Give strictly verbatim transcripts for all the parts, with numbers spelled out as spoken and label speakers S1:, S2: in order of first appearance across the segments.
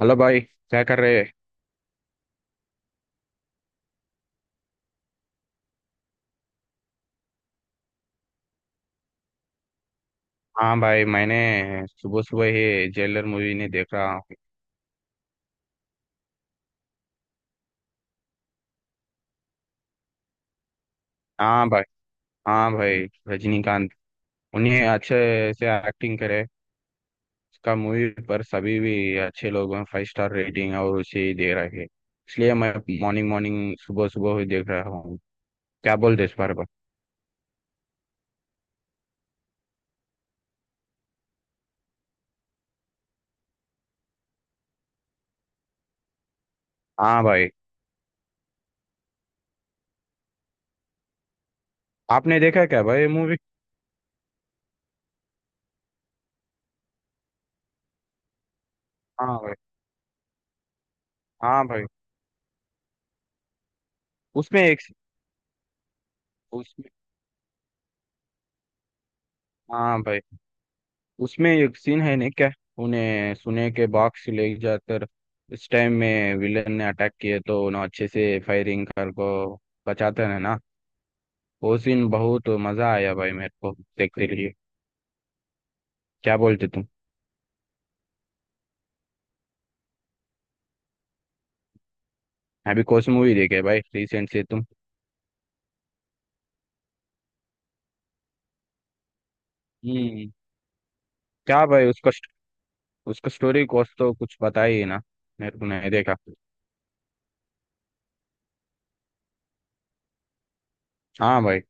S1: Hello भाई, क्या कर रहे? हाँ भाई, मैंने सुबह सुबह ही जेलर मूवी ने देख रहा हूँ। हाँ भाई, हाँ भाई, रजनीकांत उन्हें अच्छे से एक्टिंग करे। उसका मूवी पर सभी भी अच्छे लोग फाइव स्टार रेटिंग और उसे ही दे रहे हैं। इसलिए मैं मॉर्निंग मॉर्निंग सुबह सुबह ही देख रहा हूँ। क्या बोलते इस बारे पर? हाँ भाई। आपने देखा क्या भाई मूवी? हाँ भाई, हाँ भाई, उसमें एक उसमें हाँ भाई, उसमें एक सीन है नहीं क्या? उन्हें सुने के बॉक्स ले जाकर इस टाइम में विलन ने अटैक किए तो उन्हें अच्छे से फायरिंग कर को बचाते हैं ना। वो सीन बहुत मजा आया भाई मेरे को देखते लिए। क्या बोलते तुम? अभी कौन सी मूवी देखे भाई रिसेंट से तुम? हम्म। क्या भाई उसका स्ट- उसका स्टोरी कुछ तो कुछ बताइए ना। मेरे को नहीं देखा। हाँ भाई।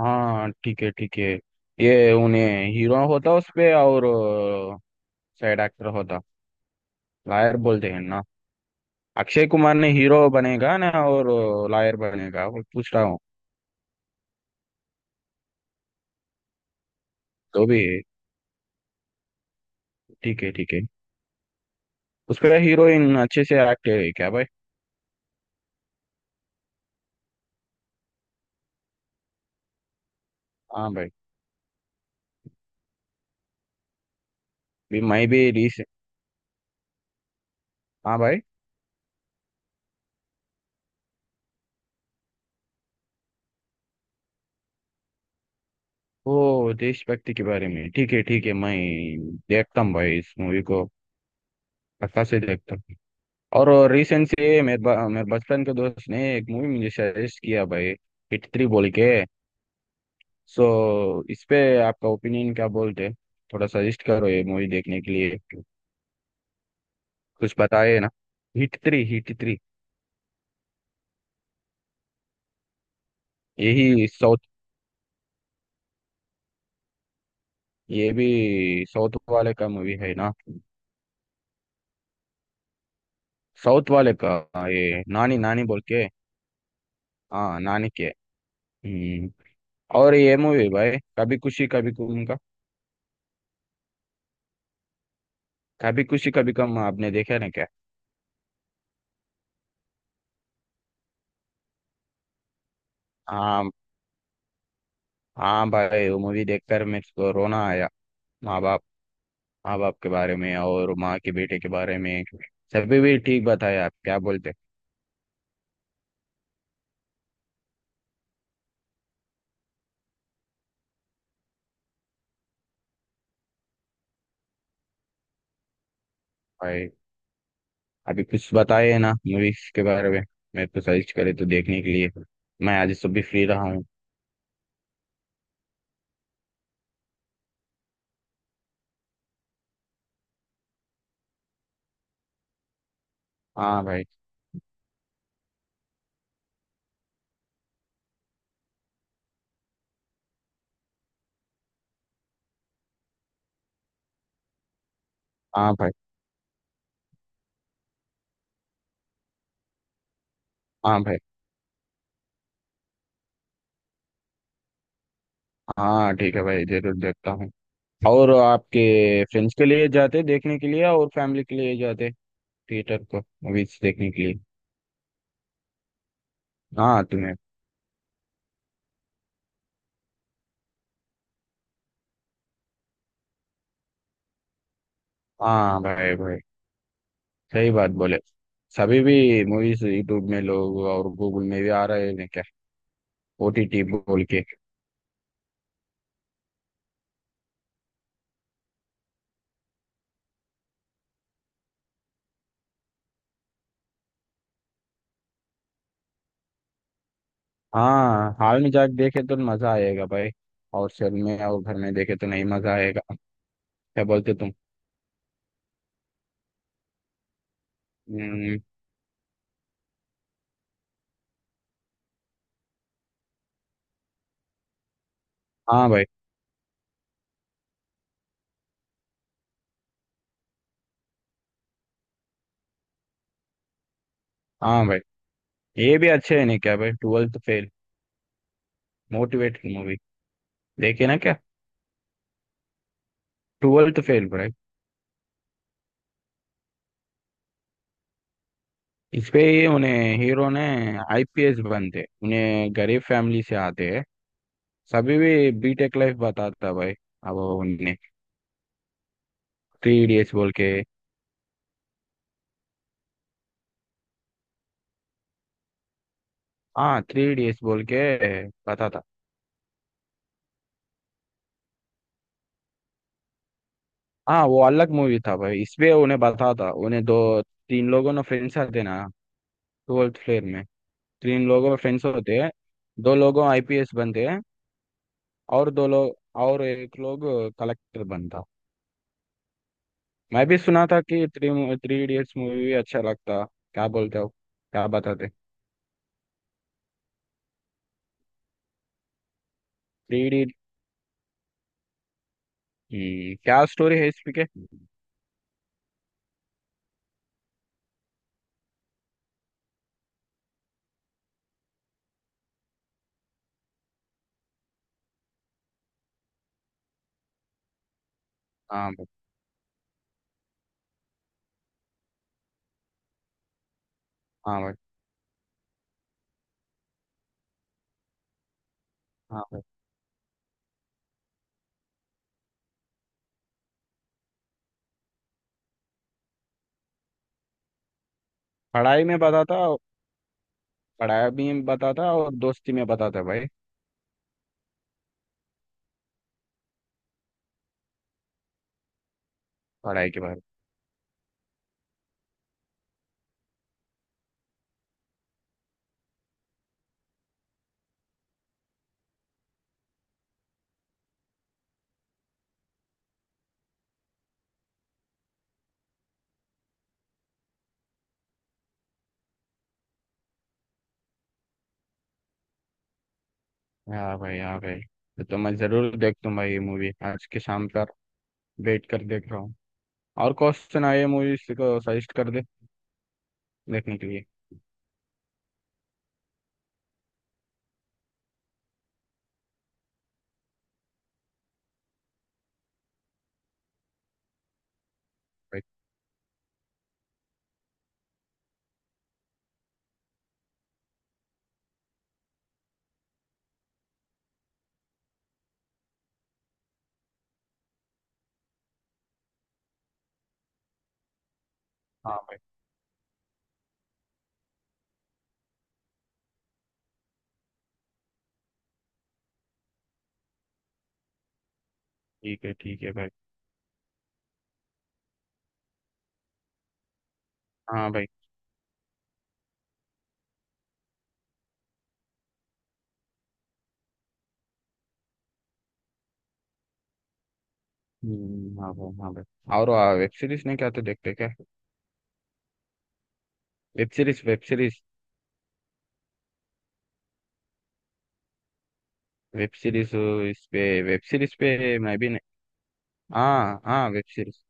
S1: हाँ, ठीक है, ठीक है। ये उन्हें हीरो होता उस पे और साइड एक्टर होता। लायर बोलते हैं ना। अक्षय कुमार ने हीरो बनेगा ना और लॉयर बनेगा वो पूछ रहा हूँ। तो भी। ठीक है, ठीक है। उस पर हीरोइन अच्छे से एक्ट है क्या भाई? हाँ भाई। भी मैं भी रिस हाँ भाई। वो देशभक्ति के बारे में, ठीक है, ठीक है, मैं देखता हूँ भाई इस मूवी को, पक्का से देखता हूँ। और रिसेंट से मेरे ब- मेरे बचपन के दोस्त ने एक मूवी मुझे सजेस्ट किया भाई। हिट थ्री बोल के। सो, इस पे आपका ओपिनियन क्या बोलते हैं? थोड़ा सजेस्ट करो ये मूवी देखने के लिए। कुछ बताए ना। Hit three, hit three. यही साउथ। ये भी साउथ वाले का मूवी है ना? साउथ वाले का। हाँ, ये नानी नानी बोल के। हाँ नानी के। हम्म। और ये मूवी भाई कभी खुशी कभी गम का। कभी खुशी कभी गम आपने देखा ना क्या? हाँ। हाँ भाई, वो मूवी देखकर मेरे को रोना आया। माँ बाप माँ बाप के बारे में और माँ के बेटे के बारे में। सभी भी ठीक बताया आप, क्या बोलते? भाई, अभी कुछ बताए है ना मूवीज के बारे में। मैं तो सर्च करे तो देखने के लिए। मैं आज सब भी फ्री रहा हूँ। हाँ भाई, हाँ भाई, हाँ भाई। हाँ ठीक है भाई, जरूर देखता हूँ। और आपके फ्रेंड्स के लिए जाते देखने के लिए और फैमिली के लिए जाते थिएटर को मूवीज देखने के लिए। हाँ तुम्हें। हाँ भाई, भाई, सही बात बोले। सभी भी मूवीज यूट्यूब में लोग और गूगल में भी आ रहे हैं क्या? ओटीटी बोल के। हाँ, हाल में जाके देखे तो मजा आएगा भाई। और शहर में और घर में देखे तो नहीं मजा आएगा। क्या बोलते तुम? हम्म, हाँ भाई, हाँ भाई। ये भी अच्छे है नहीं क्या भाई ट्वेल्थ फेल मोटिवेटेड मूवी देखे ना क्या? ट्वेल्थ फेल भाई। इस पे ही उन्हें हीरो ने आईपीएस बनते, उन्हें गरीब फैमिली से आते हैं। सभी भी बीटेक लाइफ बताता भाई। अब उन्हें थ्री इडियट्स बोल के। हाँ, थ्री इडियट्स बोल के बताता। हाँ, वो अलग मूवी था भाई, इसमें उन्हें बता था उन्हें दो तीन लोगों ने फ्रेंड्स आते ना। ट्वेल्थ फ्लेयर में। तीन लोगों में फ्रेंड्स होते हैं। दो लोगों आईपीएस बनते हैं। और दो लोग और एक लोग कलेक्टर बनता। मैं भी सुना था कि थ्री थ्री इडियट्स मूवी भी अच्छा लगता। क्या बोलते हो? क्या बताते? Three idiot. क्या स्टोरी है इसमें के? हाँ भाई, हाँ भाई, हाँ भाई। पढ़ाई में बताता। पढ़ाई भी बताता और दोस्ती में बताता भाई। पढ़ाई के बारे में। हाँ भाई, हाँ भाई। तो, तो मैं जरूर देखता हूँ भाई ये मूवी आज के शाम तक। वेट कर देख रहा हूँ। और क्वेश्चन आए मूवीज को सजेस्ट कर दे देखने के लिए। भाई। हाँ भाई। ठीक है, ठीक है भाई। हाँ भाई। हम्म, हाँ भाई, हाँ भाई। और वेब सीरीज नहीं क्या तो देखते क्या? Web series, web series. Web series इस पे वेब सीरीज पे मैं भी नहीं। हाँ, हाँ, web series.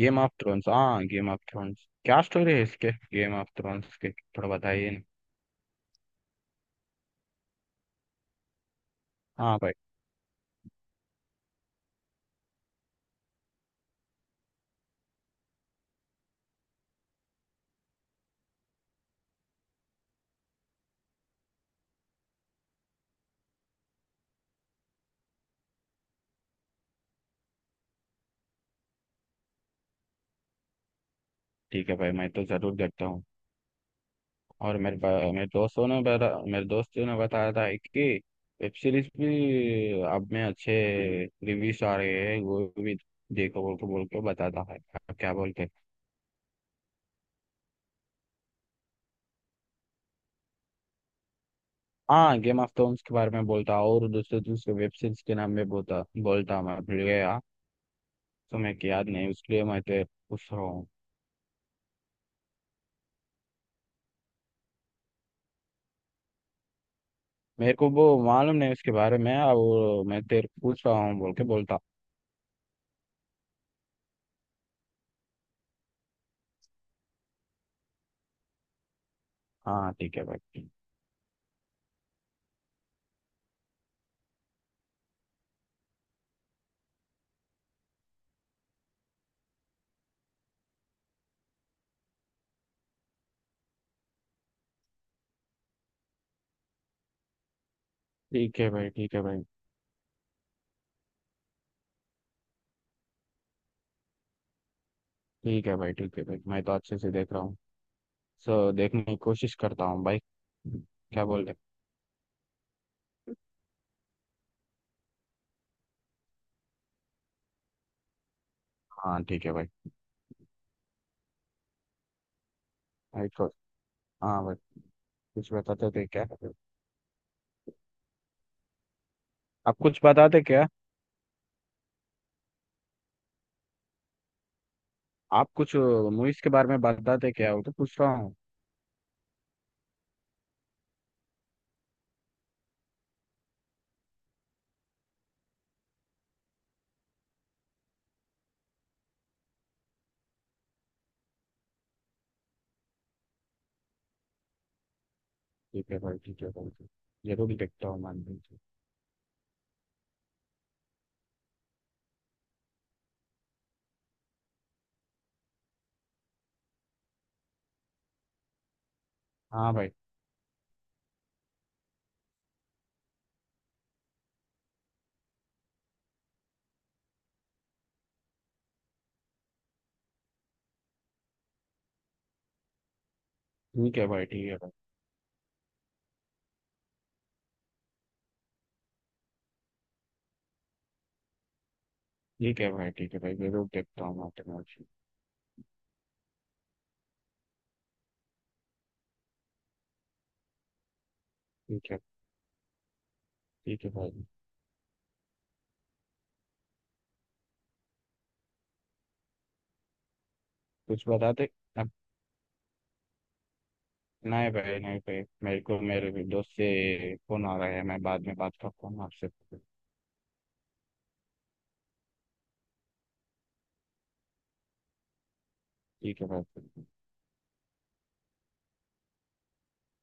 S1: Game of thrones, हाँ गेम ऑफ थ्रोन्स क्या स्टोरी है इसके गेम ऑफ थ्रोन्स के थोड़ा बताइए ना? हाँ भाई। ठीक है भाई, मैं तो जरूर देखता हूँ। और मेरे पा- मेरे दोस्तों ने बता मेरे दोस्त ने बताया था कि वेब सीरीज भी अब में अच्छे रिव्यूज आ रहे हैं वो भी देखो बोल के बोल के बताता है। आप क्या बोलते हैं? हाँ, गेम ऑफ थ्रोन्स के बारे में बोलता और दूसरे दूसरे वेब सीरीज के नाम में बोलता बोलता मैं भूल गया। तो मैं क्या याद नहीं उसके लिए मैं तेरे पूछ रहा हूँ। मेरे को वो मालूम नहीं उसके बारे में और मैं तेरे को पूछ रहा हूँ बोल के बोलता। हाँ, ठीक है भाई। ठीक है भाई, ठीक है भाई, ठीक है भाई। ठीक है भाई मैं तो अच्छे से देख रहा हूँ। सो, देखने की कोशिश करता हूँ भाई। क्या बोल रहे? हाँ ठीक है भाई। राइट को। हाँ भाई। कुछ बताते थे क्या आप? कुछ बताते क्या? आप कुछ मूवीज के बारे में बताते क्या, वो तो पूछ रहा हूँ? ठीक है भाई, ठीक है भाई, जरूर देखता हूँ मान लीजिए। हाँ भाई। ठीक है भाई, ठीक है भाई, ठीक है भाई, ठीक है भाई, जरूर देखता हूँ माउंटेन मौसी। ठीक है, ठीक है भाई। कुछ बताते अब? नहीं भाई, नहीं भाई, मेरे को मेरे दोस्त से फोन आ रहा है, मैं बाद में बात करता हूँ आपसे। ठीक है भाई।